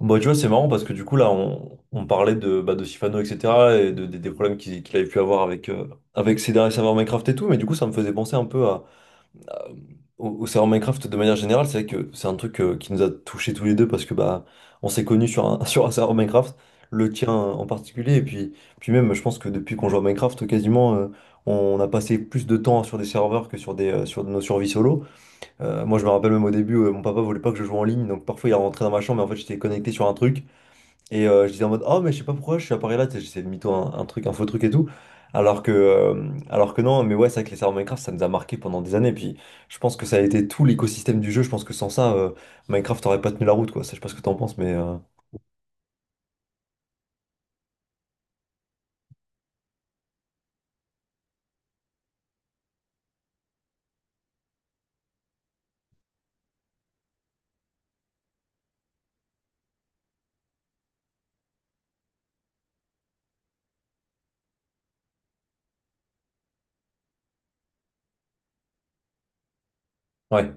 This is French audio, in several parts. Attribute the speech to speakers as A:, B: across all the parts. A: Bah, tu vois, c'est marrant parce que du coup, là, on parlait de, bah, de Sifano, etc. et de, des problèmes qu'il avait pu avoir avec, avec ses derniers serveurs Minecraft et tout. Mais du coup, ça me faisait penser un peu à- au serveur Minecraft de manière générale. C'est vrai que c'est un truc qui nous a touchés tous les deux parce que bah, on s'est connus sur un, sur un serveur Minecraft, le tien en particulier. Et puis, même, je pense que depuis qu'on joue à Minecraft, quasiment, on a passé plus de temps sur des serveurs que sur nos survies solo. Moi, je me rappelle même au début, mon papa voulait pas que je joue en ligne. Donc parfois, il rentrait dans ma chambre, mais en fait, j'étais connecté sur un truc. Et je disais en mode, oh, mais je sais pas pourquoi je suis à Paris là, tu sais, j'essayais de mytho un truc, un faux truc et tout. Alors que non, mais ouais, c'est vrai que les serveurs Minecraft, ça nous a marqué pendant des années. Puis je pense que ça a été tout l'écosystème du jeu. Je pense que sans ça, Minecraft aurait pas tenu la route, quoi. Ça, je sais pas ce que t'en penses, mais ouais.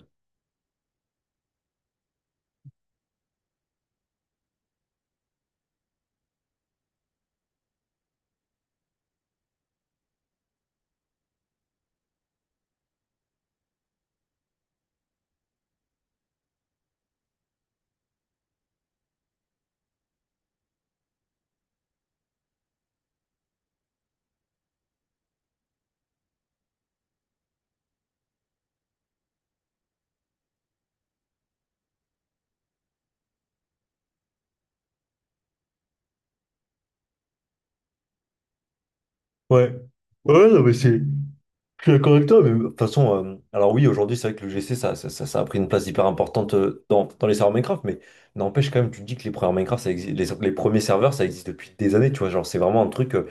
A: Ouais, je suis d'accord avec toi, mais de toute façon, alors oui, aujourd'hui, c'est vrai que le GC, ça a pris une place hyper importante dans les serveurs Minecraft, mais n'empêche quand même, tu te dis que les premiers Minecraft, ça existe, les premiers serveurs, ça existe depuis des années, tu vois, genre, c'est vraiment un truc,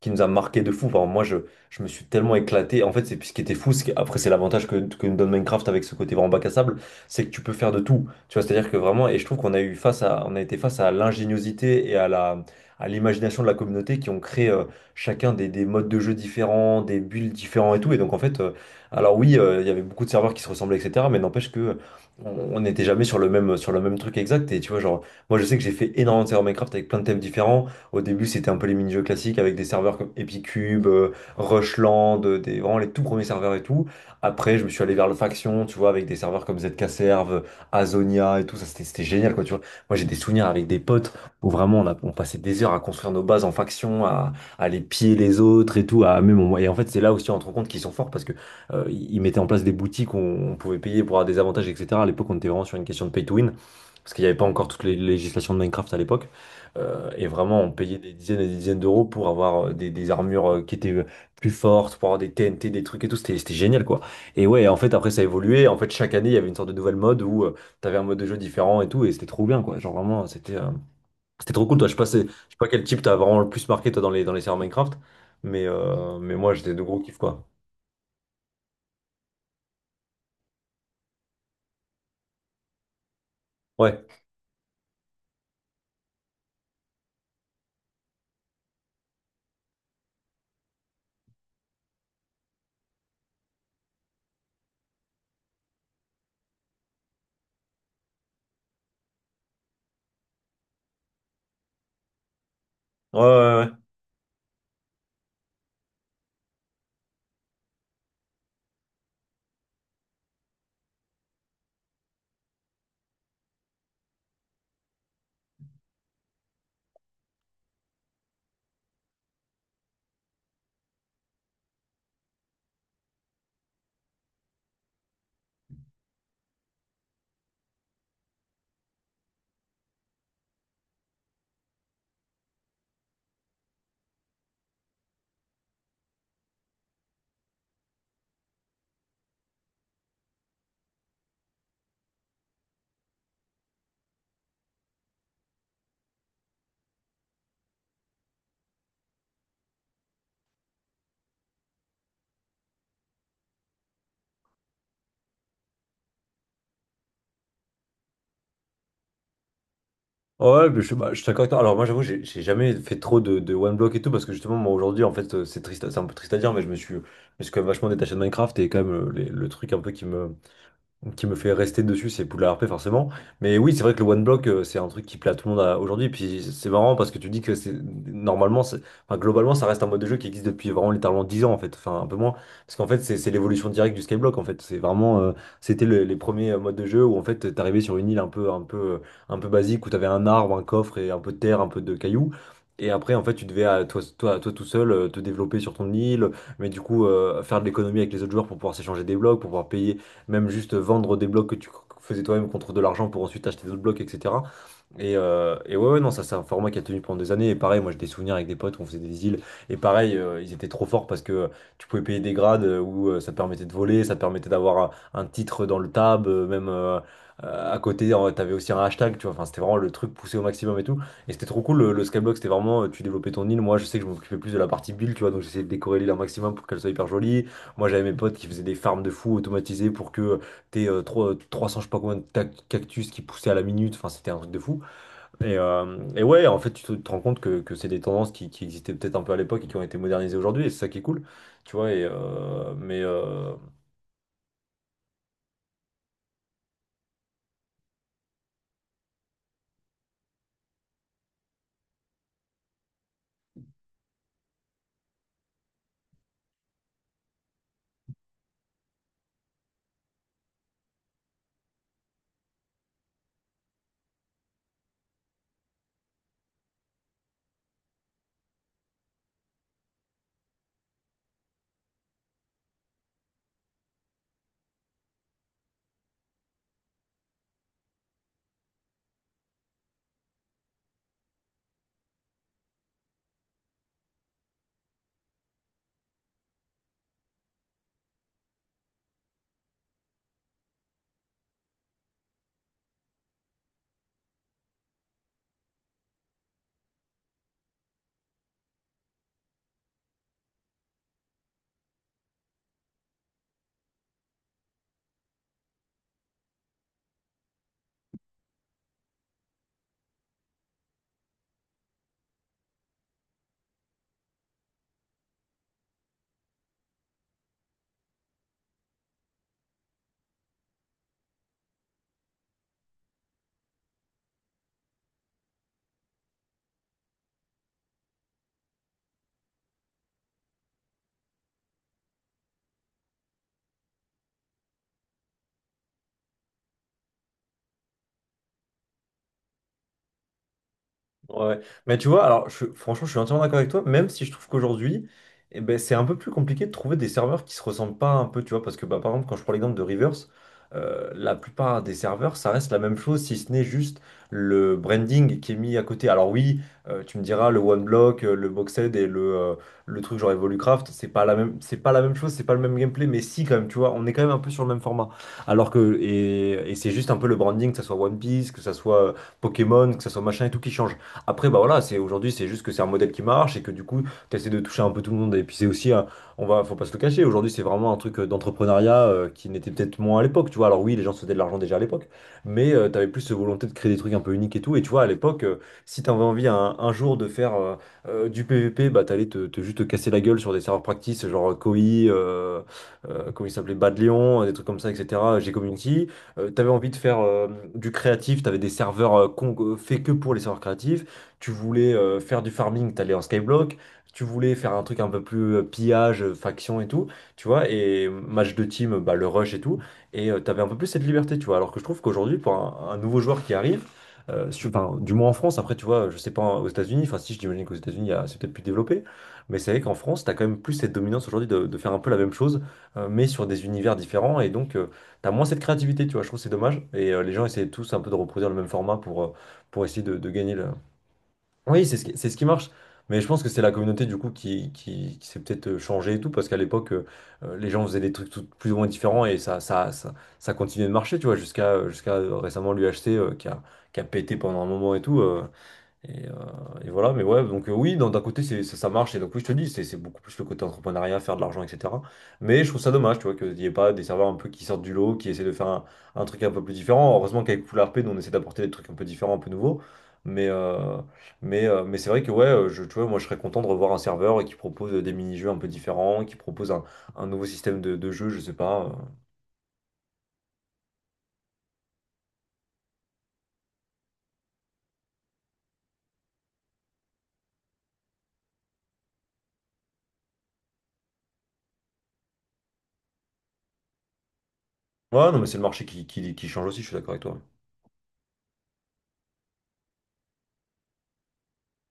A: qui nous a marqué de fou. Enfin, moi, je me suis tellement éclaté. En fait, c'est ce qui était fou. Après, c'est l'avantage que nous donne Minecraft avec ce côté vraiment bac à sable, c'est que tu peux faire de tout. Tu vois, c'est-à-dire que vraiment, et je trouve qu'on a eu face à, on a été face à l'ingéniosité et à l'imagination de la communauté qui ont créé chacun des modes de jeu différents, des builds différents et tout. Et donc, en fait, alors oui, il y avait beaucoup de serveurs qui se ressemblaient, etc. Mais n'empêche que on n'était jamais sur sur le même truc exact. Et tu vois, genre, moi, je sais que j'ai fait énormément de serveurs Minecraft avec plein de thèmes différents. Au début, c'était un peu les mini-jeux classiques avec des serveurs comme Epicube, Rushland, vraiment les tout premiers serveurs et tout. Après, je me suis allé vers le faction, tu vois, avec des serveurs comme ZK Serve, Azonia et tout. Ça, c'était génial, quoi, tu vois. Moi, j'ai des souvenirs avec des potes où vraiment on passait des heures à construire nos bases en faction, à les piller les autres et tout. Et en fait, c'est là aussi on se rend compte qu'ils sont forts parce que ils mettaient en place des boutiques où on pouvait payer pour avoir des avantages, etc. À l'époque, on était vraiment sur une question de pay to win, parce qu'il n'y avait pas encore toutes les législations de Minecraft à l'époque. Euh, et vraiment, on payait des dizaines et des dizaines d'euros pour avoir des armures qui étaient plus fortes, pour avoir des TNT, des trucs et tout. C'était génial, quoi. Et ouais, en fait, après, ça a évolué. En fait, chaque année, il y avait une sorte de nouvelle mode où t'avais un mode de jeu différent et tout. Et c'était trop bien, quoi. Genre, vraiment, c'était trop cool. Toi, je sais pas, je sais pas quel type t'as vraiment le plus marqué, toi, dans les serveurs Minecraft. Mais moi, j'étais de gros kiff, quoi. Ouais. Ouais, ouais, ouais. Ouais, ouais, mais bah, je suis d'accord avec toi. Alors moi j'avoue, j'ai jamais fait trop de, one block et tout, parce que justement moi aujourd'hui en fait c'est triste, c'est un peu triste à dire, mais je me suis quand même vachement détaché de Minecraft et quand même le truc un peu qui me fait rester dessus, c'est Poudlard RP forcément. Mais oui, c'est vrai que le one block, c'est un truc qui plaît à tout le monde aujourd'hui. Et puis c'est marrant parce que tu dis que c'est normalement, enfin, globalement, ça reste un mode de jeu qui existe depuis vraiment littéralement 10 ans en fait, enfin un peu moins. Parce qu'en fait, c'est l'évolution directe du Skyblock en fait. C'est vraiment, les premiers modes de jeu où en fait, t'arrivais sur une île un peu basique où t'avais un arbre, un coffre et un peu de terre, un peu de cailloux. Et après, en fait, tu devais, toi tout seul, te développer sur ton île, mais du coup, faire de l'économie avec les autres joueurs pour pouvoir s'échanger des blocs, pour pouvoir payer même juste vendre des blocs que tu faisais toi-même contre de l'argent pour ensuite acheter d'autres blocs, etc. Et ouais, ouais, non, ça c'est un format qui a tenu pendant des années. Et pareil, moi j'ai des souvenirs avec des potes où on faisait des îles. Et pareil, ils étaient trop forts parce que tu pouvais payer des grades où ça te permettait de voler, ça te permettait d'avoir un titre dans le tab, même à côté, t'avais aussi un hashtag, tu vois. Enfin, c'était vraiment le truc poussé au maximum et tout. Et c'était trop cool, le skyblock, c'était vraiment, tu développais ton île. Moi, je sais que je m'occupais plus de la partie build, tu vois, donc j'essayais de décorer l'île un maximum pour qu'elle soit hyper jolie. Moi, j'avais mes potes qui faisaient des farms de fous automatisées pour que t'aies 300 je sais pas combien cactus qui poussaient à la minute. Enfin, c'était un truc de fou. Et ouais, en fait, tu te rends compte que c'est des tendances qui existaient peut-être un peu à l'époque et qui ont été modernisées aujourd'hui. Et c'est ça qui est cool, tu vois. Et, mais, ouais. Ouais. Mais tu vois, alors franchement, je suis entièrement d'accord avec toi, même si je trouve qu'aujourd'hui, eh ben, c'est un peu plus compliqué de trouver des serveurs qui se ressemblent pas un peu, tu vois, parce que bah, par exemple, quand je prends l'exemple de Reverse, la plupart des serveurs, ça reste la même chose, si ce n'est juste le branding qui est mis à côté. Alors oui, tu me diras, le OneBlock, le Boxed et le truc genre Evolucraft, c'est pas la même chose, c'est pas le même gameplay, mais si quand même, tu vois, on est quand même un peu sur le même format. Alors que, et c'est juste un peu le branding, que ça soit One Piece, que ça soit Pokémon, que ça soit machin et tout qui change. Après, bah voilà, c'est aujourd'hui, c'est juste que c'est un modèle qui marche et que du coup, tu essaies de toucher un peu tout le monde. Et puis c'est aussi, faut pas se le cacher, aujourd'hui, c'est vraiment un truc d'entrepreneuriat qui n'était peut-être moins à l'époque, tu vois. Alors oui, les gens se faisaient de l'argent déjà à l'époque, mais tu avais plus cette volonté de créer des trucs un peu uniques et tout. Et tu vois, à l'époque, si tu avais envie un jour de faire du PVP, bah t'allais te juste te casser la gueule sur des serveurs practice, genre Koi, euh, comment il s'appelait, Bad Lion, des trucs comme ça, etc. G-Community. T'avais envie de faire du créatif, t'avais des serveurs faits que pour les serveurs créatifs. Tu voulais faire du farming, t'allais en skyblock. Tu voulais faire un truc un peu plus pillage, faction et tout, tu vois, et match de team, bah, le rush et tout. Et tu t'avais un peu plus cette liberté, tu vois. Alors que je trouve qu'aujourd'hui, pour un nouveau joueur qui arrive, enfin, du moins en France, après, tu vois, je sais pas aux États-Unis, enfin, si j'imagine qu'aux États-Unis, c'est peut-être plus développé, mais c'est vrai qu'en France, t'as quand même plus cette dominance aujourd'hui de faire un peu la même chose, mais sur des univers différents, et donc, t'as moins cette créativité, tu vois, je trouve que c'est dommage, et les gens essaient tous un peu de reproduire le même format pour essayer de gagner le, oui, c'est ce qui marche. Mais je pense que c'est la communauté du coup qui s'est peut-être changée et tout, parce qu'à l'époque, les gens faisaient des trucs plus ou moins différents et ça continuait de marcher, tu vois, jusqu'à jusqu'à récemment l'UHC qui a pété pendant un moment et tout. Et, euh, et voilà, mais ouais, donc oui, d'un côté, ça marche, et donc oui, je te dis, c'est beaucoup plus le côté entrepreneuriat, faire de l'argent, etc. Mais je trouve ça dommage, tu vois, qu'il n'y ait pas des serveurs un peu qui sortent du lot, qui essaient de faire un truc un peu plus différent. Heureusement qu'avec Poulard P, nous, on essaie d'apporter des trucs un peu différents, un peu nouveaux. Mais, euh, mais c'est vrai que, ouais, tu vois, moi, je serais content de revoir un serveur qui propose des mini-jeux un peu différents, qui propose un nouveau système de jeu, je sais pas. Ouais, non, mais c'est le marché qui change aussi, je suis d'accord avec toi.